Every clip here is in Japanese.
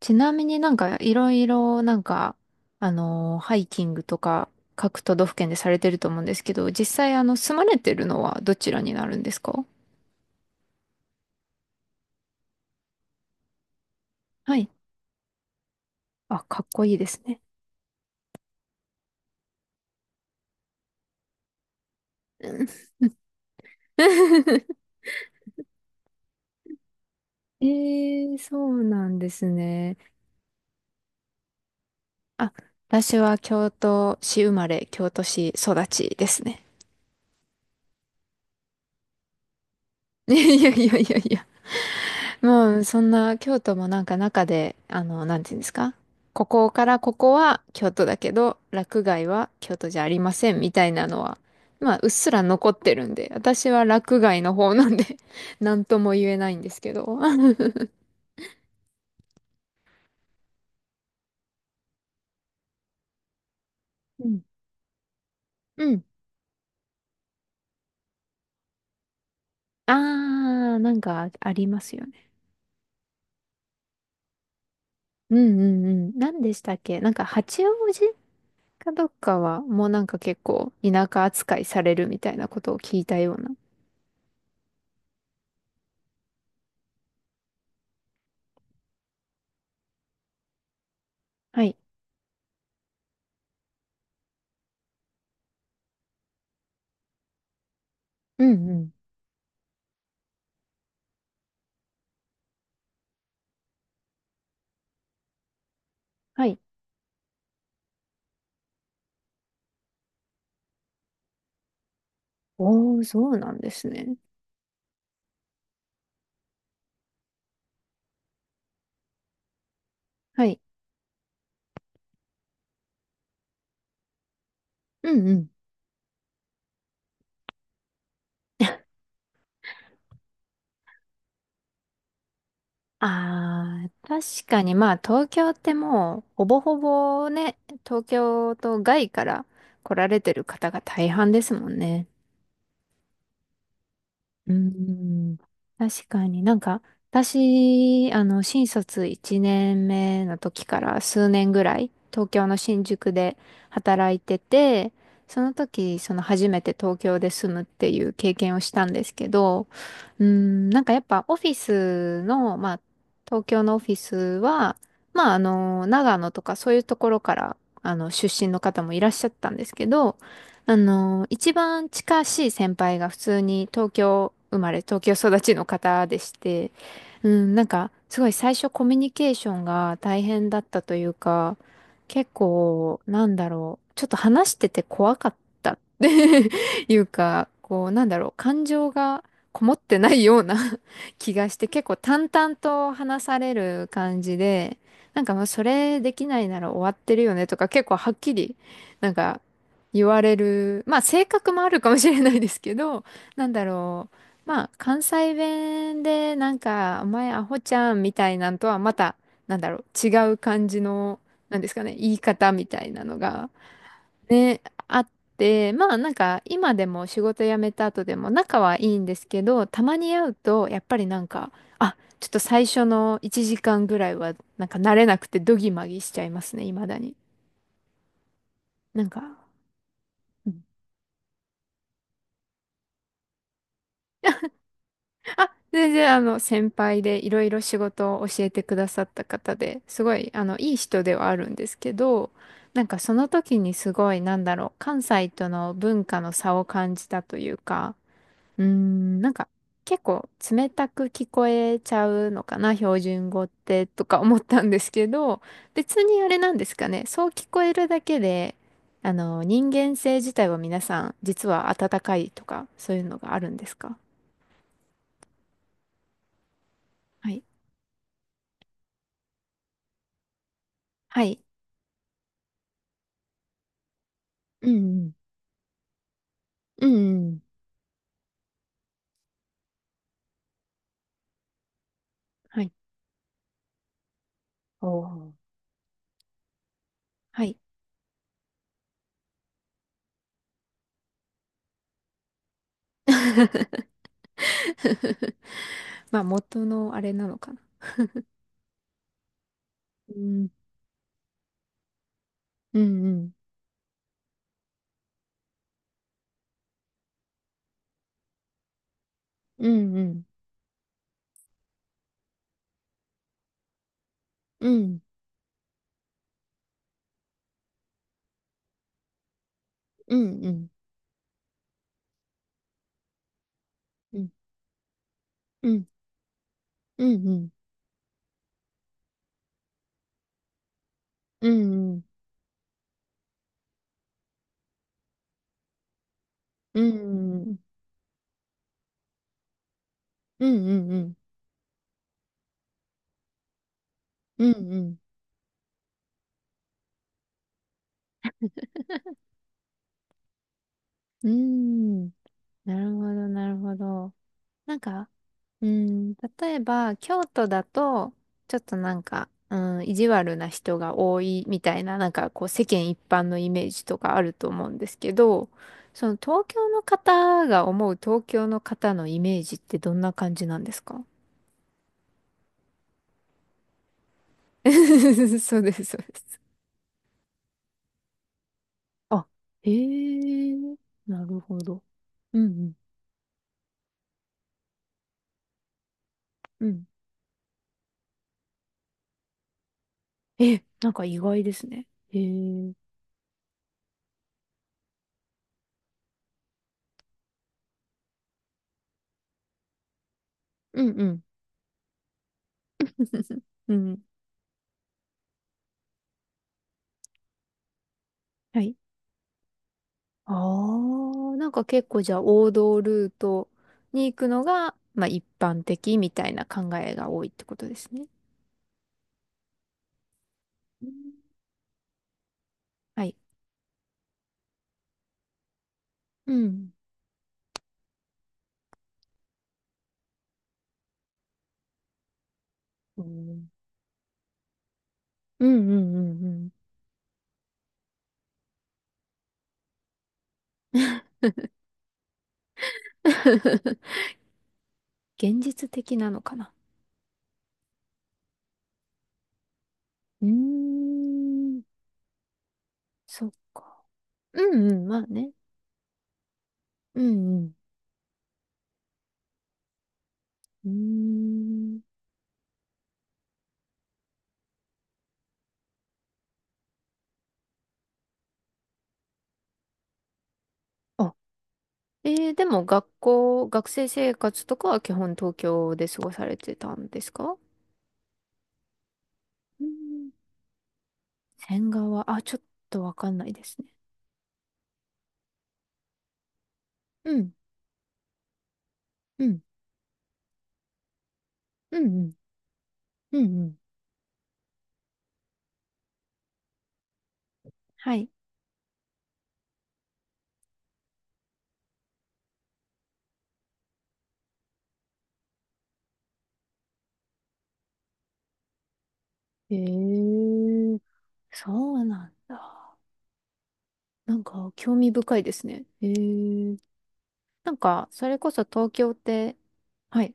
ちなみになんかいろいろなんか、あのーハイキングとか各都道府県でされてると思うんですけど、実際住まれてるのはどちらになるんですか？はい。あ、かっこいいですね。うん。 ええ、そうなんですね。あ、私は京都市生まれ、京都市育ちですね。いやいやいやいやいや。もう、そんな、京都も中で、なんていうんですか、ここからここは京都だけど、洛外は京都じゃありませんみたいなのは、まあ、うっすら残ってるんで、私は洛外の方なんで、 なんとも言えないんですけど。うん。うん。あー、なんかありますよね。うんうんうん。何でしたっけ、八王子かどっかは、もうなんか結構田舎扱いされるみたいなことを聞いたような。はい。うんうん。はい。おー、そうなんですね。はい。うんうん。ああ、確かに、まあ東京ってもうほぼほぼね、東京と外から来られてる方が大半ですもんね。うーん、確かに私、新卒1年目の時から数年ぐらい、東京の新宿で働いてて、その時、その初めて東京で住むっていう経験をしたんですけど、うーん、やっぱオフィスの、まあ、東京のオフィスは、長野とかそういうところから、出身の方もいらっしゃったんですけど、一番近しい先輩が普通に東京生まれ、東京育ちの方でして、うん、なんか、すごい最初コミュニケーションが大変だったというか、結構、なんだろう、ちょっと話してて怖かったって いうか、こう、なんだろう、感情がこもってないような 気がして、結構淡々と話される感じで、なんかもうそれできないなら終わってるよねとか結構はっきりなんか言われる、まあ性格もあるかもしれないですけど、なんだろう。まあ関西弁でお前アホちゃんみたいなんとはまた、なんだろう、違う感じの、なんですかね、言い方みたいなのが、ね、あって、まあ今でも仕事辞めた後でも仲はいいんですけど、たまに会うと、やっぱりなんか、あ、ちょっと最初の1時間ぐらいは、なんか慣れなくてドギマギしちゃいますね、未だに。なんか、あ、全然、先輩でいろいろ仕事を教えてくださった方で、すごいいい人ではあるんですけど、なんかその時にすごい、なんだろう、関西との文化の差を感じたというか、うーん、なんか結構冷たく聞こえちゃうのかな標準語って、とか思ったんですけど、別にあれなんですかね、そう聞こえるだけで、人間性自体は皆さん実は温かいとか、そういうのがあるんですか？はい。はい。うん、うん、うんうん。はい、はい。まあ、元のあれなのかな。うん、うん、うん、うん、うん、うん、うん、うん、うん、うん、うん、うん、うん、うん、うん、うん、うん、うん、うん、うん、なるほど、なるほど。なんか、うん、例えば、京都だと、ちょっとなんか、うん、意地悪な人が多いみたいな、なんかこう世間一般のイメージとかあると思うんですけど、その東京の方が思う東京の方のイメージってどんな感じなんですか？ そうです、そうです。あ、へえ、なるほど。うん、うん、うん。え、なんか意外ですね。へえ、うん、うん。うん、はい。ああ、なんか結構じゃあ王道ルートに行くのが、まあ一般的みたいな考えが多いってことですね。はい。うん。はい。うんうんうんうんうんうん。 現実的なのかな。うーん。そっか。うんうん、まあね。うんうん。うーん。あ、えー、でも学校、学生生活とかは基本東京で過ごされてたんですか？うん。仙川、あ、ちょっとわかんないですね。うんうん。うんうん。うんうん。はい。へえ。そうなんだ。なんか、興味深いですね。へえ。なんか、それこそ東京って、はい。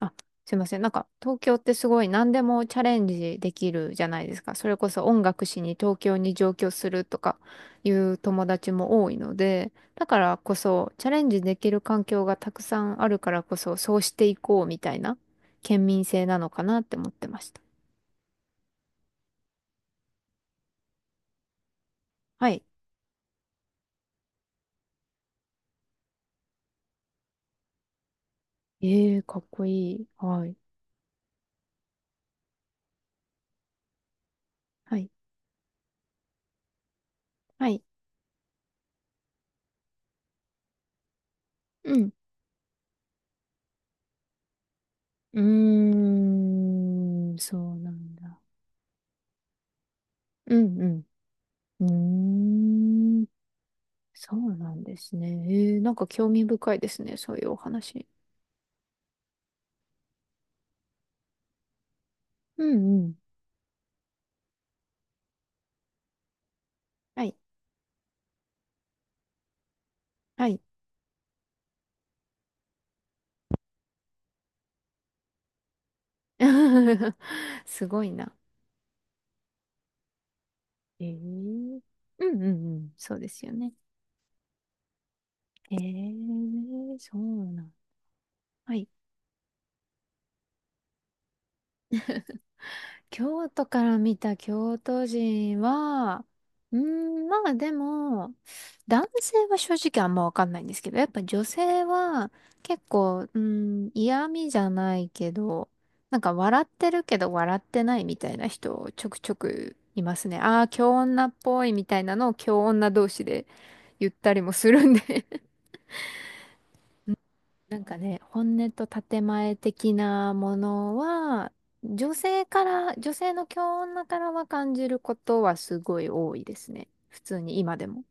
あ、すいません。なんか、東京ってすごい何でもチャレンジできるじゃないですか。それこそ音楽しに東京に上京するとかいう友達も多いので、だからこそ、チャレンジできる環境がたくさんあるからこそ、そうしていこうみたいな県民性なのかなって思ってました。はい。ええ、かっこいい。はい。はい。はい。うん。うーん、そうなんだ。うん、うん。うーん、そうなんですね。えー、なんか興味深いですね、そういうお話。うん、うん。はい。はい。すごいな。えー。うん、うん、うん。そうですよね。ええ、そうなん。はい。京都から見た京都人は、うーん、まあでも、男性は正直あんまわかんないんですけど、やっぱ女性は結構、うーん、嫌味じゃないけど、なんか笑ってるけど笑ってないみたいな人ちょくちょくいますね。ああ、京女っぽいみたいなのを京女同士で言ったりもするんで。 なんかね、本音と建前的なものは、女性から、女性の強女からは感じることはすごい多いですね。普通に今でも。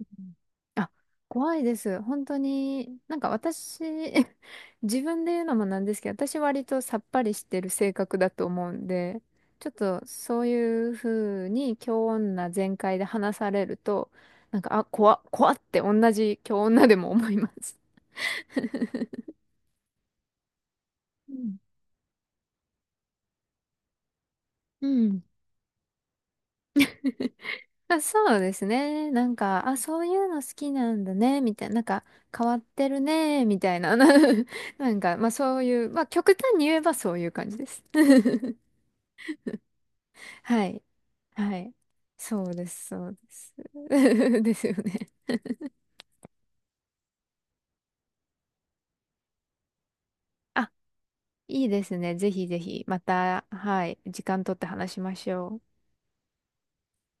うん。あ、怖いです。本当に、なんか私、自分で言うのもなんですけど、私割とさっぱりしてる性格だと思うんで、ちょっとそういうふうに強女全開で話されると、なんか、あ、怖っ、怖っって同じ強女でも思います。うん。うん。 あ、そうですね。なんか、あ、そういうの好きなんだね、みたいな。なんか、変わってるね、みたいな。なんか、まあそういう、まあ極端に言えばそういう感じです。はい。はい。そうです、そうです。ですよね。あ、いいですね。ぜひぜひ、また、はい、時間取って話しましょう。